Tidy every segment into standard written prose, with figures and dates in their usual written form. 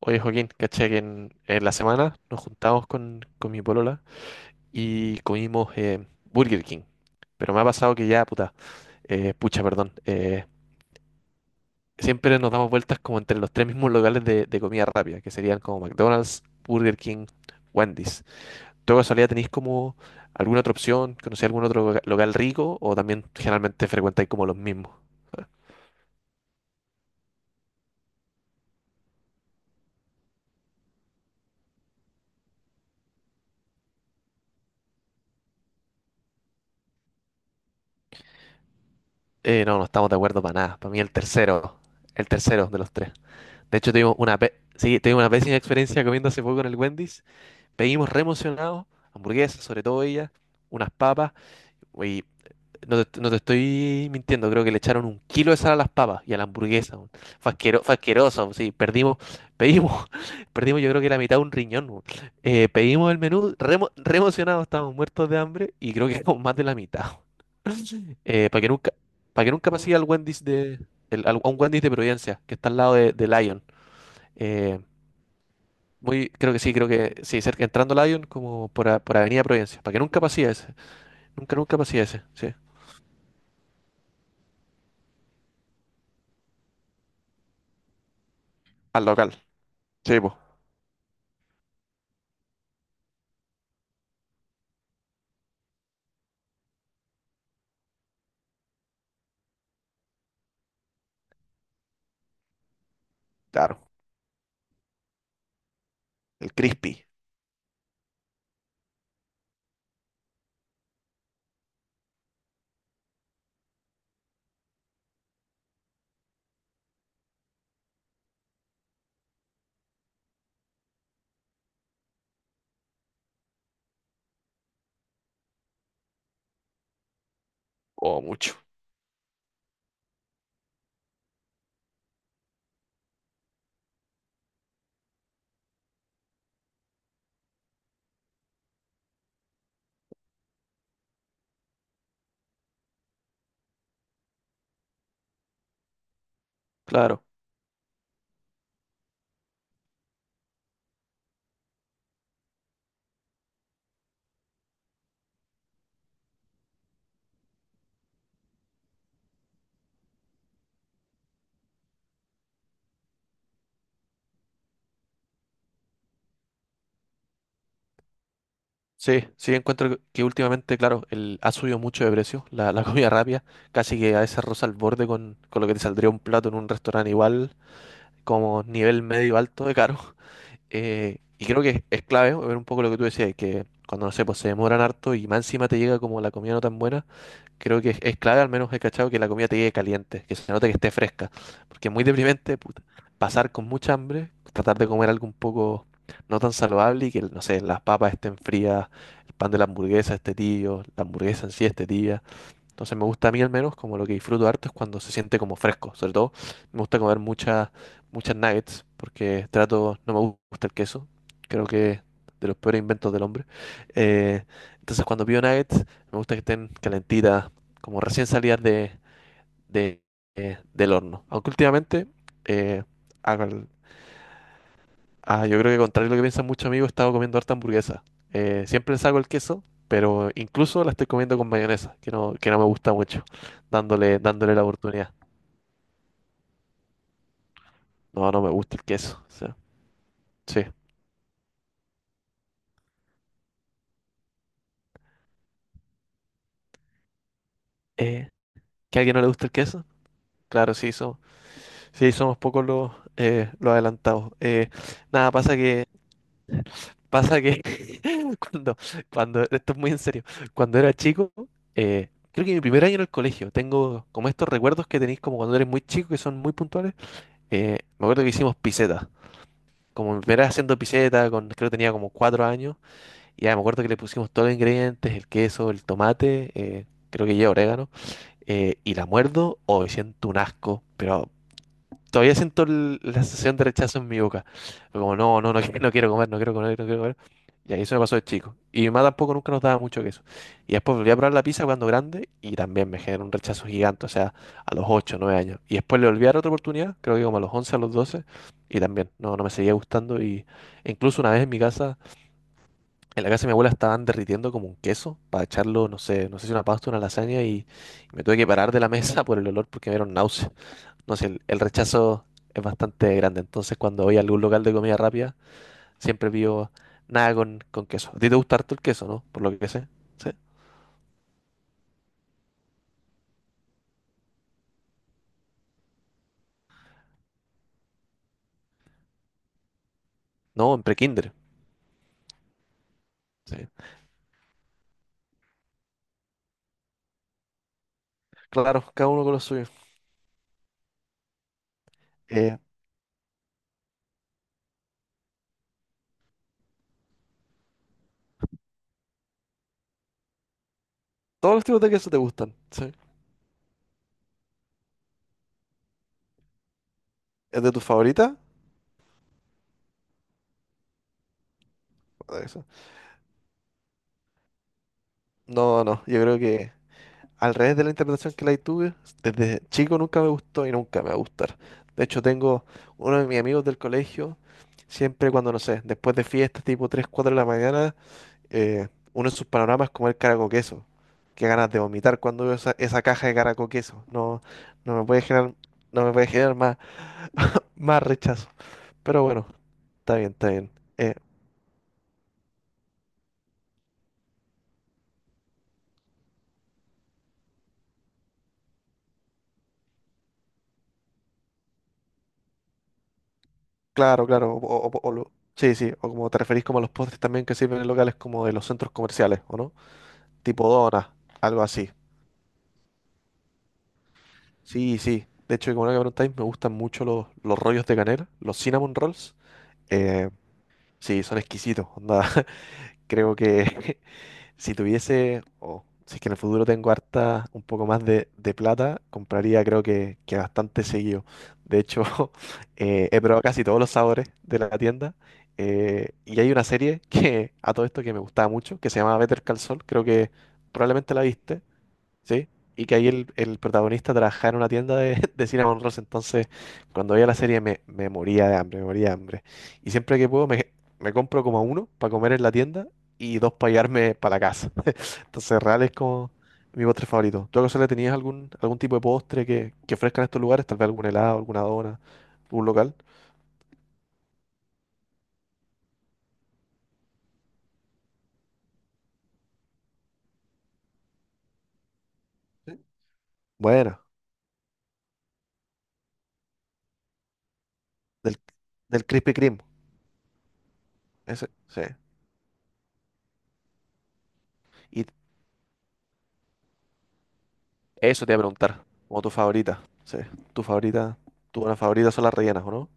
Oye, Joaquín, caché que en la semana nos juntamos con mi polola y comimos Burger King. Pero me ha pasado que ya, puta, pucha, perdón, siempre nos damos vueltas como entre los tres mismos locales de comida rápida, que serían como McDonald's, Burger King, Wendy's. ¿Tú de casualidad tenéis como alguna otra opción? ¿Conocéis algún otro local rico? ¿O también generalmente frecuentáis como los mismos? No, no estamos de acuerdo para nada. Para mí el tercero de los tres. De hecho, tuvimos sí, tuvimos una pésima experiencia comiendo hace poco en el Wendy's. Pedimos re emocionados, hamburguesas, sobre todo ellas, unas papas. Y no te estoy mintiendo, creo que le echaron un kilo de sal a las papas y a la hamburguesa, weón. Fue fue asqueroso, sí, pedimos, perdimos yo creo que la mitad de un riñón, weón. Pedimos el menú, re emocionados, estábamos muertos de hambre y creo que con más de la mitad, weón. Eh, para que nunca, para que nunca pasé al Wendy's a un Wendy's de Providencia, que está al lado de Lion. Eh, Muy, creo que sí, cerca entrando a Lyon por Avenida Providencia, para que nunca pasía ese, nunca pasía ese, sí. Al local. Sí, pues. Claro. El crispy. O mucho. Claro, sí, sí, encuentro que últimamente, claro, ha subido mucho de precio la comida rápida, casi que a veces rosa al borde con lo que te saldría un plato en un restaurante igual, como nivel medio alto de caro. Y creo que es clave ver un poco lo que tú decías, que cuando, no sé, pues se demoran harto y más encima te llega como la comida no tan buena. Creo que es clave, al menos he cachado, que la comida te llegue caliente, que se note que esté fresca. Porque es muy deprimente, puta, pasar con mucha hambre, tratar de comer algo un poco no tan saludable y que, no sé, las papas estén frías, el pan de la hamburguesa esté tibio, la hamburguesa en sí esté tibia. Entonces me gusta a mí al menos, como lo que disfruto harto es cuando se siente como fresco. Sobre todo me gusta comer muchas nuggets porque trato, no me gusta el queso. Creo que es de los peores inventos del hombre. Eh, entonces cuando pido nuggets me gusta que estén calentitas, como recién salidas de, del horno. Aunque últimamente eh, hago el- ah, yo creo que contrario a lo que piensan muchos amigos, he estado comiendo harta hamburguesa. Siempre le saco el queso, pero incluso la estoy comiendo con mayonesa, que no me gusta mucho, dándole la oportunidad. No, no me gusta el queso, o sea, sí. Eh, ¿Que a alguien no le gusta el queso? Claro, sí, somos, sí, somos pocos los adelantados. Nada, pasa que cuando, esto es muy en serio, cuando era chico, creo que mi primer año en el colegio, tengo como estos recuerdos que tenéis como cuando eres muy chico que son muy puntuales. Me acuerdo que hicimos piseta. Como me era haciendo piseta, con, creo que tenía como cuatro años. Y ya me acuerdo que le pusimos todos los ingredientes, el queso, el tomate, creo que lleva orégano. Y la muerdo, o me siento un asco, pero todavía siento la sensación de rechazo en mi boca. Fue como, no, no, no, no quiero comer, no quiero comer, no quiero comer. Y ahí eso me pasó de chico. Y mi mamá tampoco nunca nos daba mucho queso. Y después volví a probar la pizza cuando grande y también me generó un rechazo gigante, o sea, a los 8 9 años. Y después le volví a dar otra oportunidad, creo que como a los 11 a los 12 y también no, no me seguía gustando. Y e incluso una vez en mi casa, en la casa de mi abuela estaban derritiendo como un queso para echarlo, no sé, no sé si una pasta, una lasaña, y me tuve que parar de la mesa por el olor porque me dieron náuseas. No sé, el rechazo es bastante grande. Entonces, cuando voy a algún local de comida rápida, siempre pido nada con queso. ¿A ti te gusta harto el queso, no? Por lo que sé. ¿Sí? No, en prekinder. Sí. Claro, cada uno con lo suyo. Eh, Todos los tipos de queso te gustan. ¿Sí? ¿Es de tus favoritas? Puta que sí. No, no, yo creo que al revés de la interpretación que la tuve, desde chico nunca me gustó y nunca me va a gustar. De hecho, tengo uno de mis amigos del colegio, siempre cuando, no sé, después de fiestas, tipo 3 4 de la mañana, uno de sus panoramas como el caraco queso. Qué ganas de vomitar cuando veo esa caja de caraco queso. No, no me puede generar, no me puede generar más, más rechazo. Pero bueno, está bien, está bien. Eh, claro, claro. O, o- o- o lo- sí, sí. O como te referís como a los postres también que sirven en locales como de los centros comerciales, ¿o no? Tipo donas, algo así. Sí, sí. De hecho, como no que preguntáis, me gustan mucho los rollos de canela, los cinnamon rolls. Eh, sí, son exquisitos. Onda, creo que si tuviese, o si es que en el futuro tengo harta, un poco más de plata, compraría creo que bastante seguido. De hecho, he probado casi todos los sabores de la tienda. Y hay una serie que a todo esto que me gustaba mucho, que se llama Better Call Saul, creo que probablemente la viste, ¿sí? Y que ahí el protagonista trabajaba en una tienda de cinnamon rolls, entonces cuando veía la serie me moría de hambre, me moría de hambre. Y siempre que puedo me compro como uno para comer en la tienda y dos para llevarme para la casa. Entonces, real es como mi postre favorito. ¿Tú acaso le tenías algún, algún tipo de postre que ofrezcan estos lugares? Tal vez algún helado, alguna dona, un local. Sí. Buena, del, del Krispy Kreme. Ese, sí. Y eso te iba a preguntar, como tu favorita. Sí, tu favorita, tu dona favorita son las rellenas, ¿o no?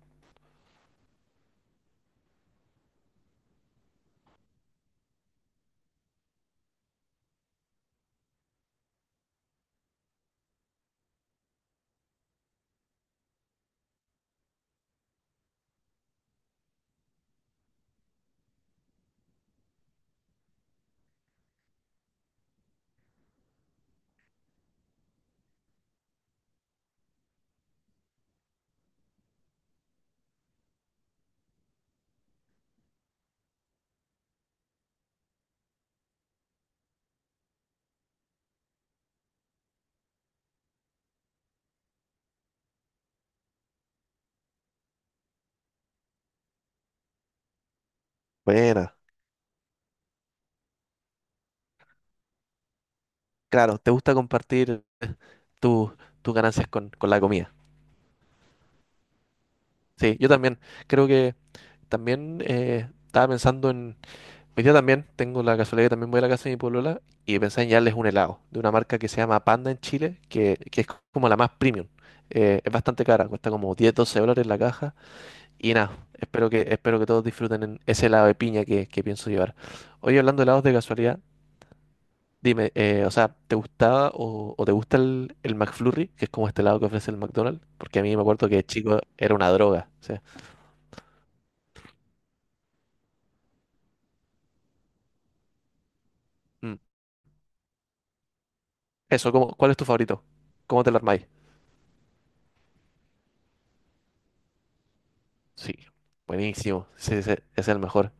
Buena. Claro, te gusta compartir tu- tus ganancias con la comida. Sí, yo también. Creo que también estaba pensando, hoy día también tengo la casualidad que también voy a la casa de mi polola y pensé en llevarles un helado de una marca que se llama Panda en Chile, que es como la más premium. Es bastante cara, cuesta como 10-12 dólares la caja y nada, espero que todos disfruten en ese helado de piña que pienso llevar. Hoy hablando de helados de casualidad, dime, ¿te gustaba o te gusta el McFlurry, que es como este helado que ofrece el McDonald's? Porque a mí me acuerdo que de chico era una droga, o sea, mm. Eso, ¿cuál es tu favorito? ¿Cómo te lo armáis? Sí, buenísimo. Sí, ese es el mejor.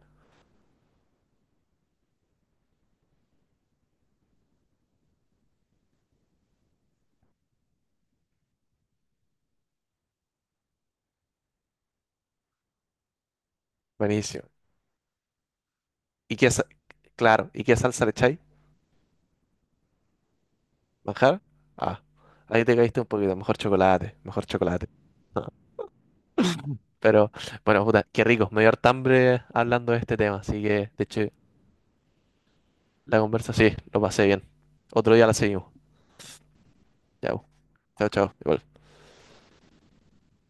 Buenísimo. ¿Y qué, sa- claro, ¿y qué salsa le echáis? ¿Manjar? Ah, ahí te caíste un poquito. Mejor chocolate, mejor chocolate. Ah, Pero, bueno, puta, qué rico. Me dio harta hambre hablando de este tema. Así que, de hecho, la conversa sí, lo pasé bien. Otro día la seguimos. Ya, bu, chao, chao. Igual.